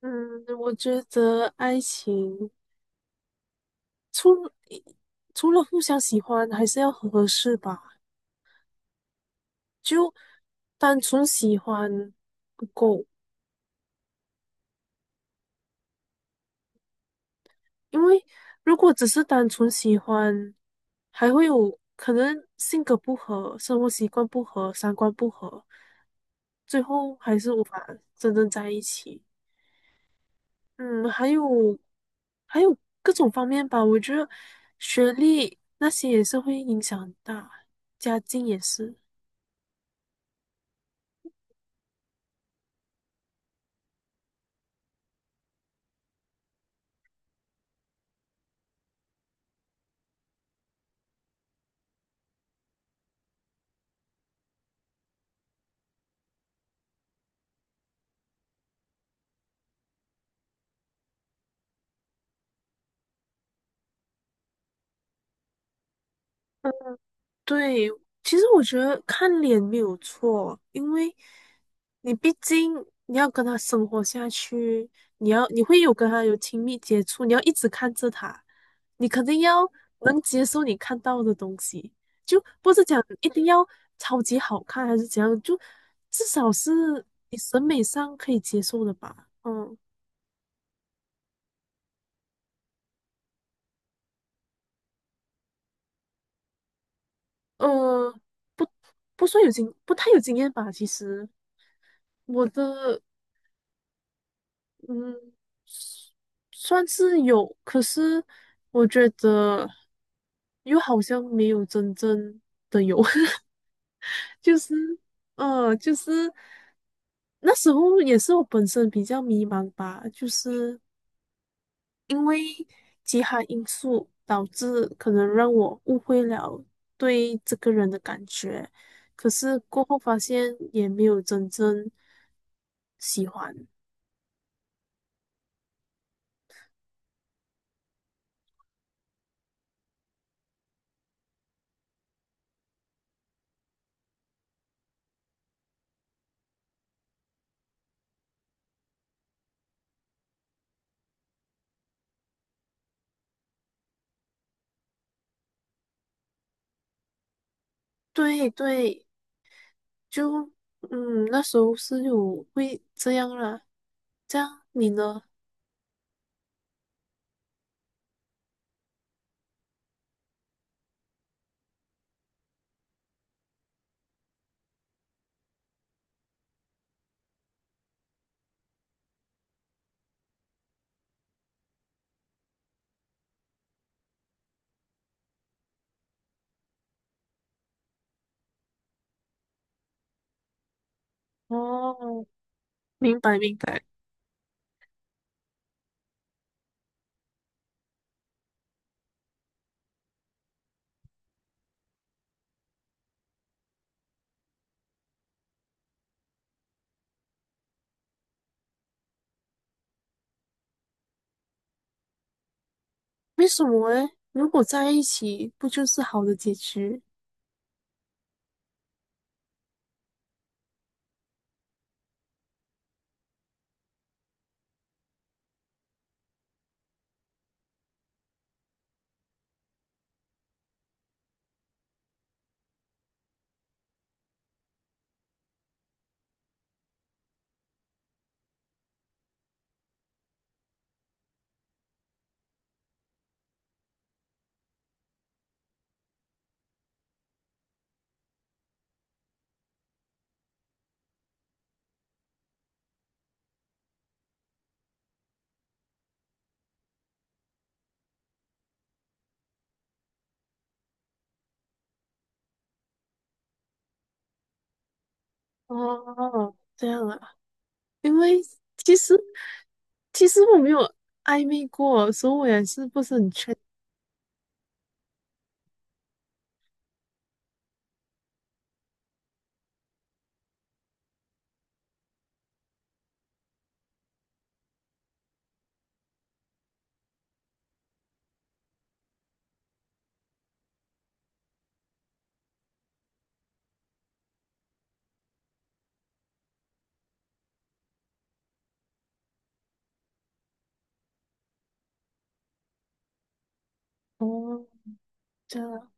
嗯，我觉得爱情除了除了互相喜欢，还是要合适吧。就单纯喜欢不够，因为如果只是单纯喜欢，还会有可能性格不合、生活习惯不合、三观不合，最后还是无法真正在一起。嗯，还有还有各种方面吧，我觉得学历那些也是会影响很大，家境也是。对，其实我觉得看脸没有错，因为你毕竟你要跟他生活下去，你会有跟他有亲密接触，你要一直看着他，你肯定要能接受你看到的东西，就不是讲一定要超级好看还是怎样，就至少是你审美上可以接受的吧。嗯，呃，不不太有经验吧，其实我的。嗯，算是有，可是我觉得又好像没有真正的有，就是，就是那时候也是我本身比较迷茫吧，就是因为其他因素导致可能让我误会了对这个人的感觉，可是过后发现也没有真正喜欢。对对，就嗯，那时候是有会这样啦。这样你呢？哦，明白明白。为什么诶？如果在一起，不就是好的结局？哦，这样啊。因为其实其实我没有暧昧过，所以我也是不是很确。定。哦，这样啊。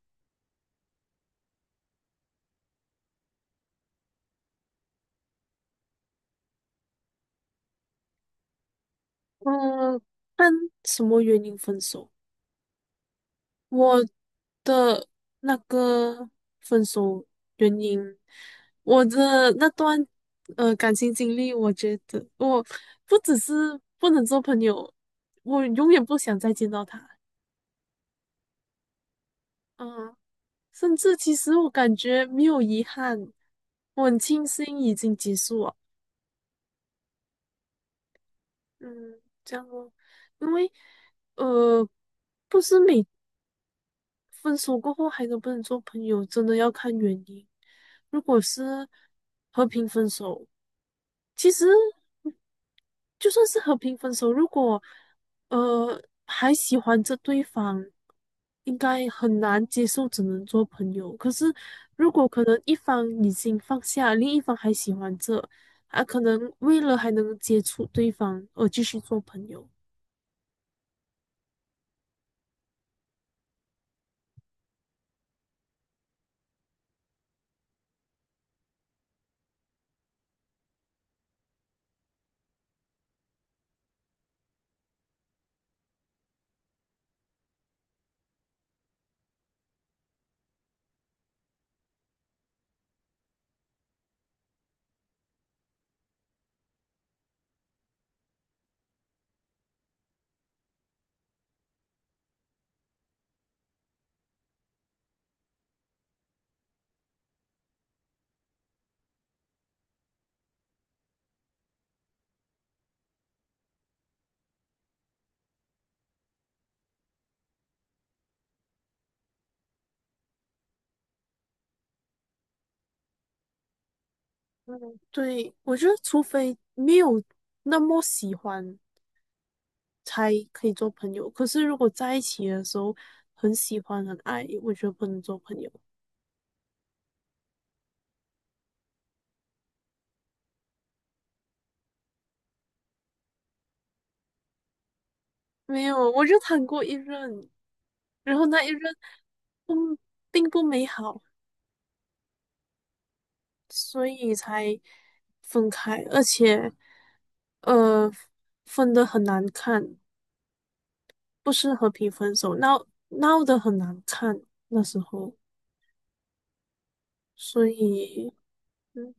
嗯，看什么原因分手？我的那个分手原因，我的那段感情经历，我觉得我不只是不能做朋友，我永远不想再见到他。嗯，甚至其实我感觉没有遗憾，我很庆幸已经结束了。嗯，这样哦，因为呃，不是每分手过后还能不能做朋友，真的要看原因。如果是和平分手，其实就算是和平分手，如果还喜欢着对方，应该很难接受，只能做朋友。可是如果可能一方已经放下，另一方还喜欢着，啊，可能为了还能接触对方而继续做朋友。嗯，对，我觉得除非没有那么喜欢，才可以做朋友。可是如果在一起的时候很喜欢很爱，我觉得不能做朋友。没有，我就谈过一任，然后那一任嗯并不美好，所以才分开，而且呃分的很难看，不是和平分手，闹得很难看那时候，所以嗯。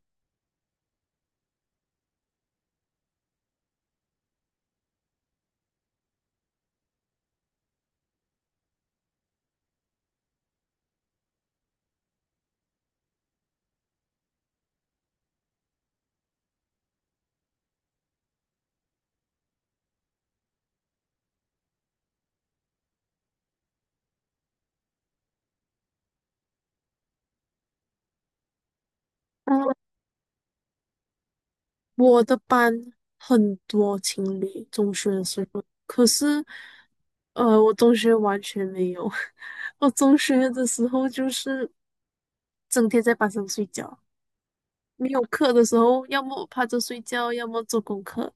我的班很多情侣，中学的时候，可是，我中学完全没有。我中学的时候就是整天在班上睡觉，没有课的时候，要么我趴着睡觉，要么做功课。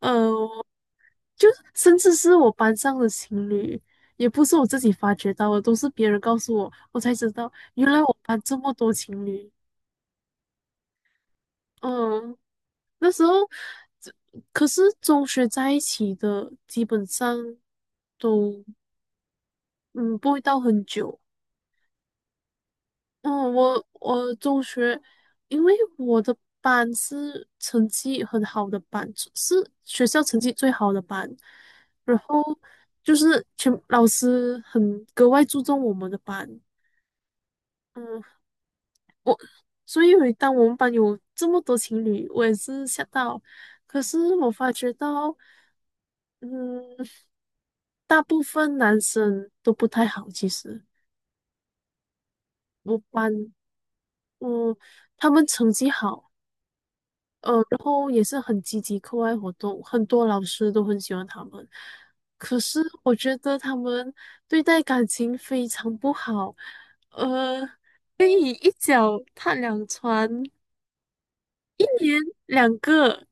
我就是甚至是我班上的情侣，也不是我自己发觉到的，都是别人告诉我，我才知道原来我班这么多情侣。嗯，那时候，可是中学在一起的，基本上都嗯不会到很久。嗯，我中学，因为我的班是成绩很好的班，是学校成绩最好的班，然后就是全老师很格外注重我们的班。嗯，我所以每当我们班有这么多情侣，我也是吓到。可是我发觉到。嗯，大部分男生都不太好，其实我班，嗯，他们成绩好，然后也是很积极课外活动，很多老师都很喜欢他们。可是我觉得他们对待感情非常不好，呃，可以一脚踏两船，一年两个，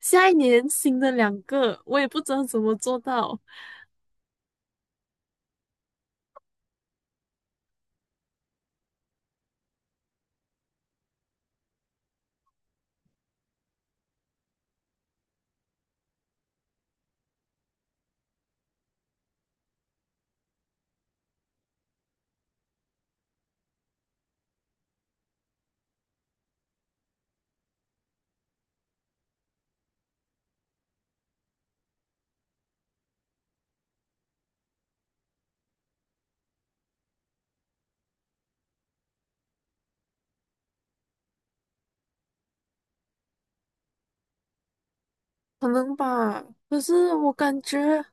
下一年新的两个，我也不知道怎么做到，可能吧。可是我感觉。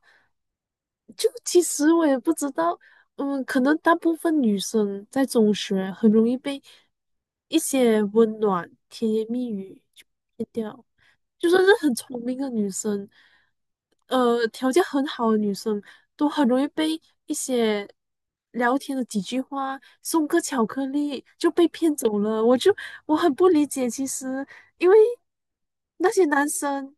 就其实我也不知道，嗯，可能大部分女生在中学很容易被一些温暖、甜言蜜语就骗掉，就算是很聪明的女生，条件很好的女生，都很容易被一些聊天的几句话、送个巧克力就被骗走了。我很不理解，其实因为那些男生。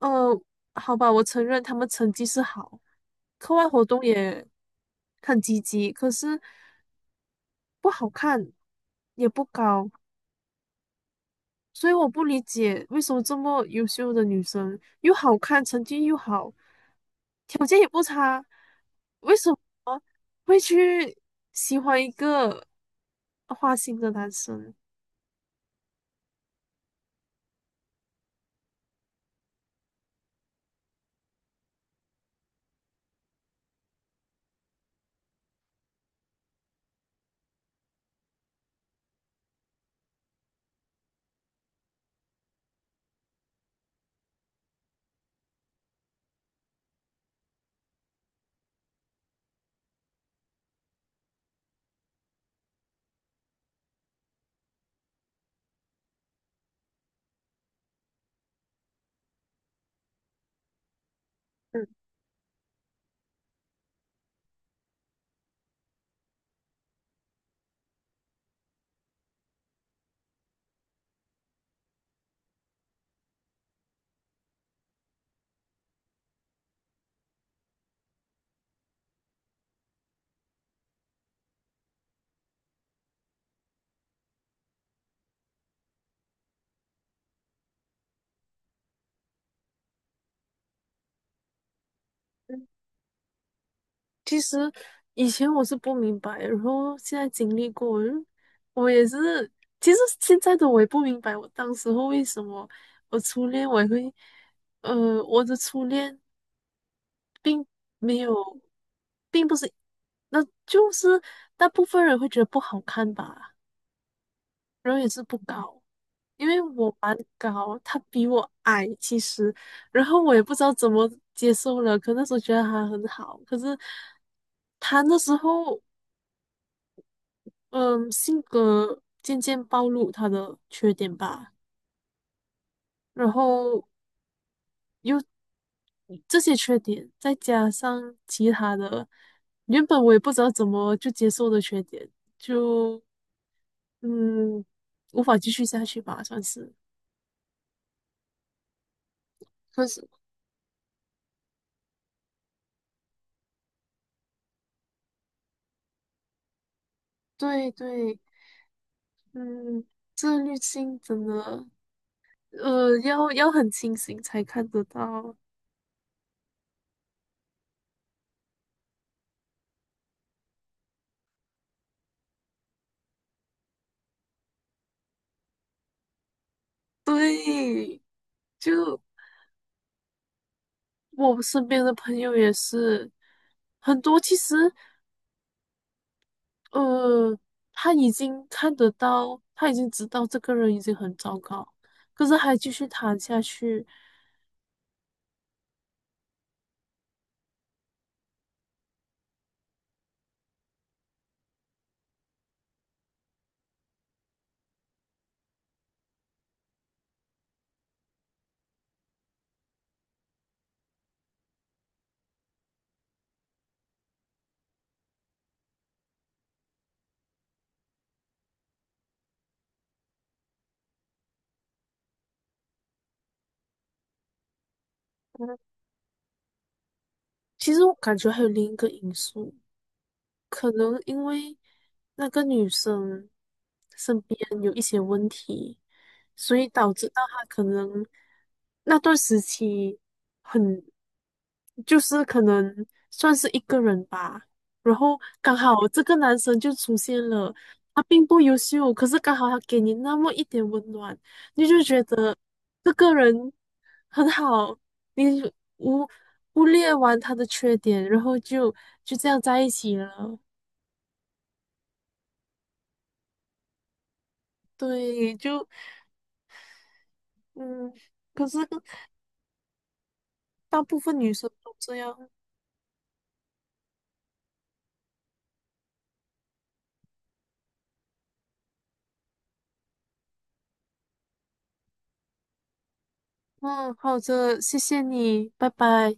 嗯，好吧，我承认他们成绩是好，课外活动也很积极，可是不好看，也不高，所以我不理解为什么这么优秀的女生又好看，成绩又好，条件也不差，为什么会去喜欢一个花心的男生？嗯其实以前我是不明白，然后现在经历过，我也是，其实现在的我也不明白，我当时候为什么我初恋我也会，我的初恋并没有，并不是，那就是大部分人会觉得不好看吧，然后也是不高，因为我蛮高，他比我矮，其实，然后我也不知道怎么接受了，可那时候觉得他很好，可是他那时候。嗯，性格渐渐暴露他的缺点吧，然后又这些缺点，再加上其他的，原本我也不知道怎么就接受的缺点，就嗯，无法继续下去吧，算是。可是，对对，嗯，自律性真的，要很清醒才看得到。对，就我身边的朋友也是很多，其实。呃，他已经看得到，他已经知道这个人已经很糟糕，可是还继续谈下去。嗯，其实我感觉还有另一个因素，可能因为那个女生身边有一些问题，所以导致到她可能那段时期很，就是可能算是一个人吧。然后刚好这个男生就出现了，他并不优秀，可是刚好他给你那么一点温暖，你就觉得这个人很好，你无忽略完他的缺点，然后就这样在一起了。对，就嗯，可是大部分女生都这样。嗯，好的，谢谢你，拜拜。